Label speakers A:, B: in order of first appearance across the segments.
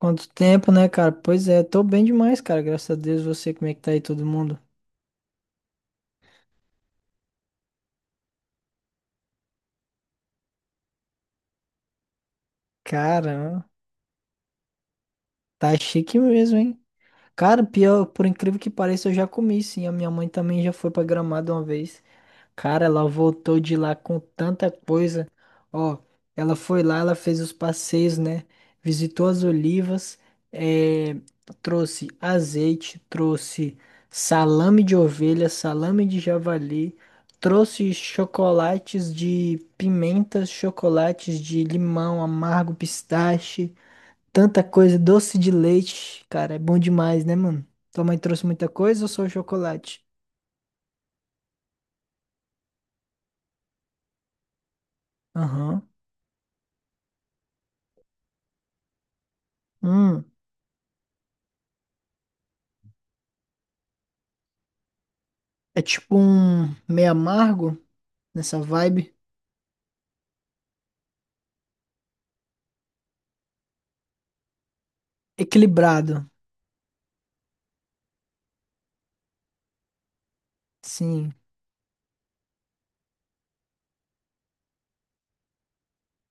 A: Quanto tempo, né, cara? Pois é, tô bem demais, cara. Graças a Deus, você, como é que tá aí todo mundo? Cara, tá chique mesmo, hein? Cara, pior, por incrível que pareça, eu já comi, sim. A minha mãe também já foi pra Gramado uma vez. Cara, ela voltou de lá com tanta coisa. Ó, ela foi lá, ela fez os passeios, né? Visitou as olivas, eh, trouxe azeite, trouxe salame de ovelha, salame de javali, trouxe chocolates de pimentas, chocolates de limão, amargo, pistache, tanta coisa, doce de leite. Cara, é bom demais, né, mano? Tua mãe trouxe muita coisa ou só o chocolate? Aham. Hum. É tipo um meio amargo nessa vibe. Equilibrado. Sim.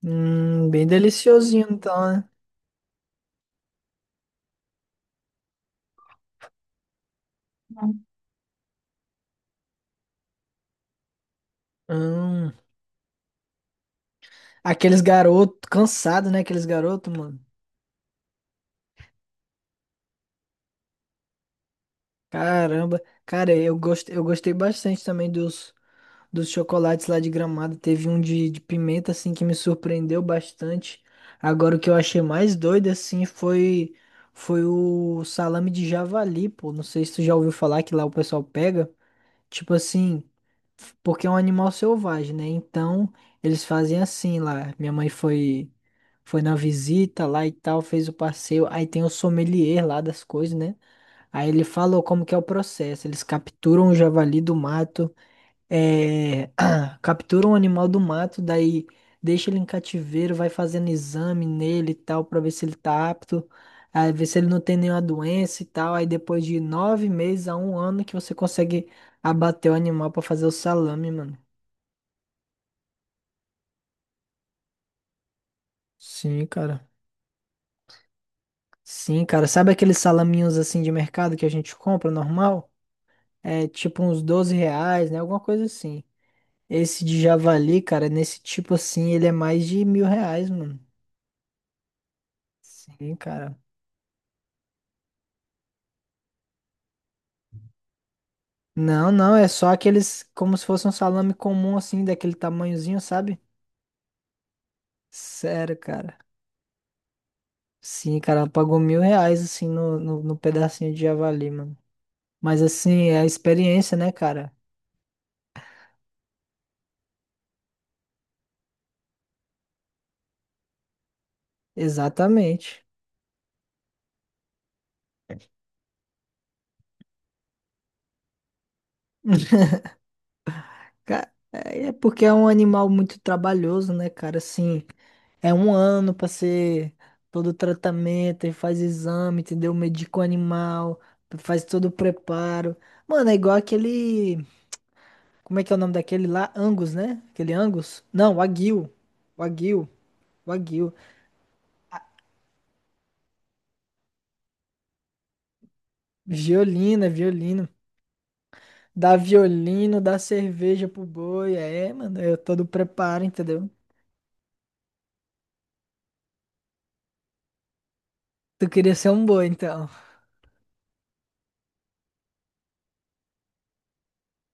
A: Bem deliciosinho então, né? Hum. Aqueles garotos, cansado, né? Aqueles garotos, mano. Caramba. Cara, eu gostei bastante também dos chocolates lá de Gramado. Teve um de pimenta, assim, que me surpreendeu bastante. Agora, o que eu achei mais doido, assim, foi o salame de javali, pô. Não sei se tu já ouviu falar que lá o pessoal pega. Tipo assim, porque é um animal selvagem, né? Então, eles fazem assim lá. Minha mãe foi na visita lá e tal, fez o passeio. Aí tem o sommelier lá das coisas, né? Aí ele falou como que é o processo. Eles capturam o javali do mato, é, captura um animal do mato, daí deixa ele em cativeiro, vai fazendo exame nele e tal, pra ver se ele tá apto, aí ver se ele não tem nenhuma doença e tal. Aí depois de 9 meses a um ano que você consegue abater o animal pra fazer o salame, mano. Sim, cara. Sim, cara, sabe aqueles salaminhos assim de mercado que a gente compra normal? É tipo uns R$ 12, né? Alguma coisa assim. Esse de javali, cara, nesse tipo assim, ele é mais de R$ 1.000, mano. Sim, cara. Não, não, é só aqueles como se fosse um salame comum, assim, daquele tamanhozinho, sabe? Sério, cara. Sim, cara, ela pagou R$ 1.000, assim, no pedacinho de javali, mano. Mas, assim, é a experiência, né, cara? Exatamente. É porque é um animal muito trabalhoso, né, cara? Assim, é um ano pra ser todo o tratamento, e faz exame, entendeu? Medica o animal, faz todo o preparo. Mano, é igual aquele. Como é que é o nome daquele lá? Angus, né? Aquele Angus? Não, Wagyu. Wagyu. Wagyu. Violina, violino. Dá violino, dá cerveja pro boi. É, mano, eu todo preparo, entendeu? Tu queria ser um boi, então.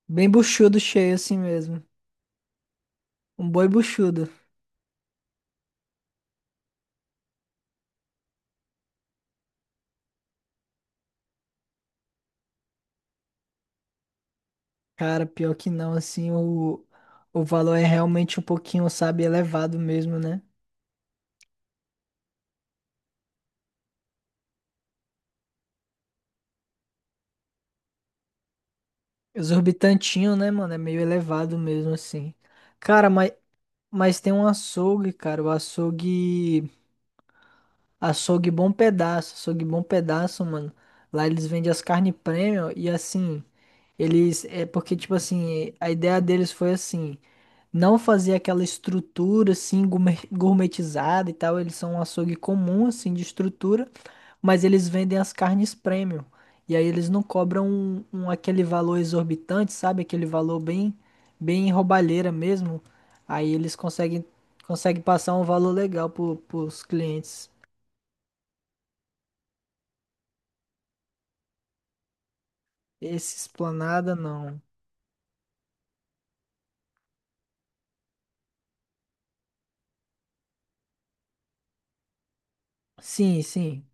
A: Bem buchudo, cheio assim mesmo. Um boi buchudo. Cara, pior que não, assim, o valor é realmente um pouquinho, sabe, elevado mesmo, né? Exorbitantinho, né, mano? É meio elevado mesmo, assim. Cara, mas, tem um açougue, cara. O açougue. Açougue Bom Pedaço, mano. Lá eles vendem as carnes premium e assim, eles é porque tipo assim, a ideia deles foi assim, não fazer aquela estrutura assim gourmetizada e tal, eles são um açougue comum assim de estrutura, mas eles vendem as carnes premium. E aí eles não cobram aquele valor exorbitante, sabe? Aquele valor bem bem roubalheira mesmo. Aí eles conseguem passar um valor legal pro, pros clientes. Esse esplanada não. Sim, sim.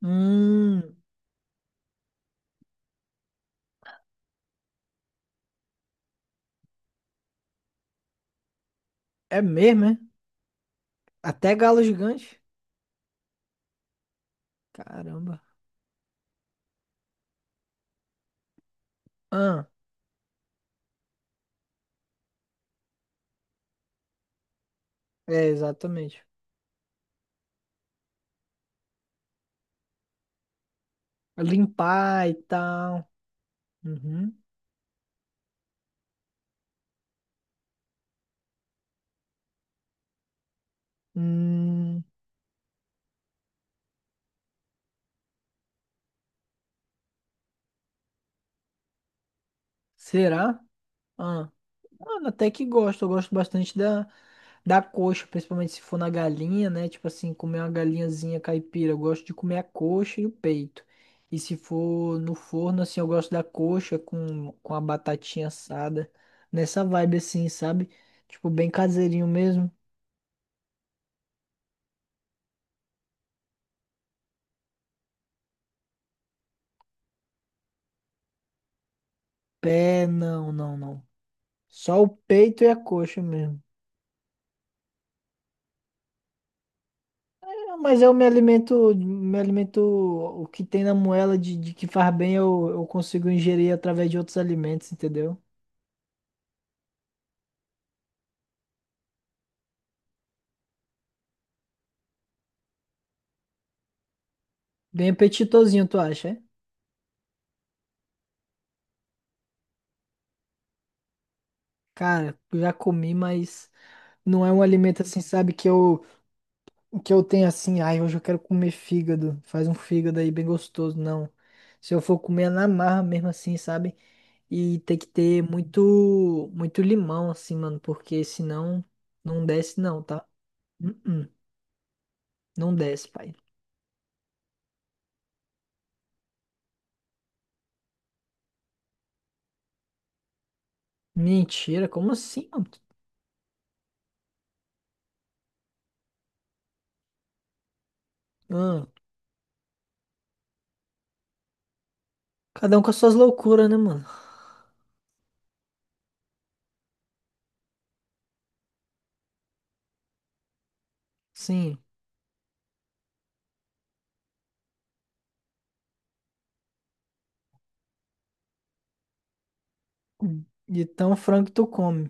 A: Hum, é mesmo, é? Até galo gigante? Caramba. Ah, é, exatamente. Limpar e tal. Uhum. Hum, será? Mano, até que gosto. Eu gosto bastante da coxa, principalmente se for na galinha, né? Tipo assim, comer uma galinhazinha caipira. Eu gosto de comer a coxa e o peito. E se for no forno, assim, eu gosto da coxa com a batatinha assada. Nessa vibe assim, sabe? Tipo, bem caseirinho mesmo. Pé, não, não, não. Só o peito e a coxa mesmo. É, mas eu me alimento, o que tem na moela de que faz bem, eu consigo ingerir através de outros alimentos, entendeu? Bem apetitosinho, tu acha? É? Cara, eu já comi, mas não é um alimento assim, sabe, que eu tenho assim, ai, hoje eu quero comer fígado. Faz um fígado aí bem gostoso, não. Se eu for comer é na marra mesmo assim, sabe? E tem que ter muito muito limão assim, mano, porque senão não desce não, tá? Uh-uh, não desce, pai. Mentira, como assim, mano? Ah, cada um com as suas loucuras, né, mano? Sim. De tão frango que tu come.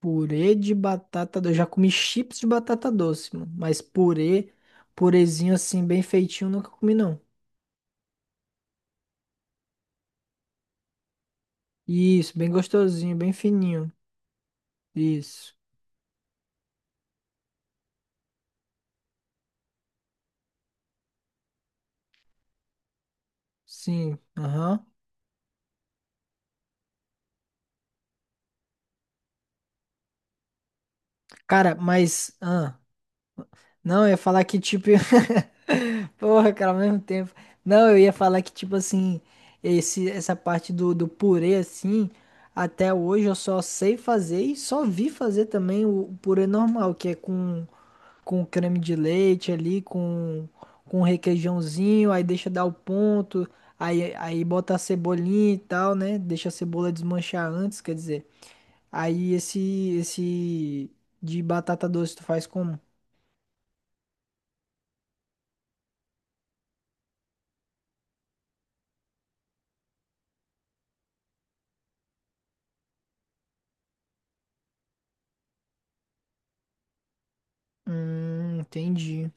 A: Purê de batata doce. Eu já comi chips de batata doce, mano. Mas purê, purezinho assim, bem feitinho, nunca comi, não. Isso, bem gostosinho, bem fininho. Isso. Sim, aham. Cara, mas. Ah, não, eu ia falar que tipo. Porra, cara, ao mesmo tempo. Não, eu ia falar que tipo assim. Esse, essa parte do purê assim. Até hoje eu só sei fazer e só vi fazer também o purê normal, que é com creme de leite ali, com, um requeijãozinho, aí deixa dar o ponto, aí bota a cebolinha e tal, né? Deixa a cebola desmanchar antes, quer dizer. Aí esse, esse de batata doce tu faz como? Entendi.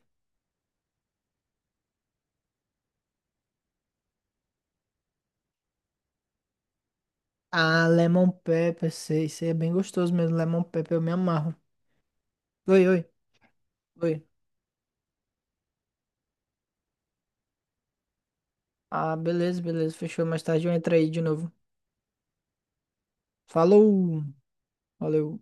A: Ah, lemon pepper, sei, sei, é bem gostoso mesmo, lemon pepper, eu me amarro. Oi, oi, oi. Ah, beleza, beleza, fechou, mais tarde eu entro aí de novo. Falou, valeu.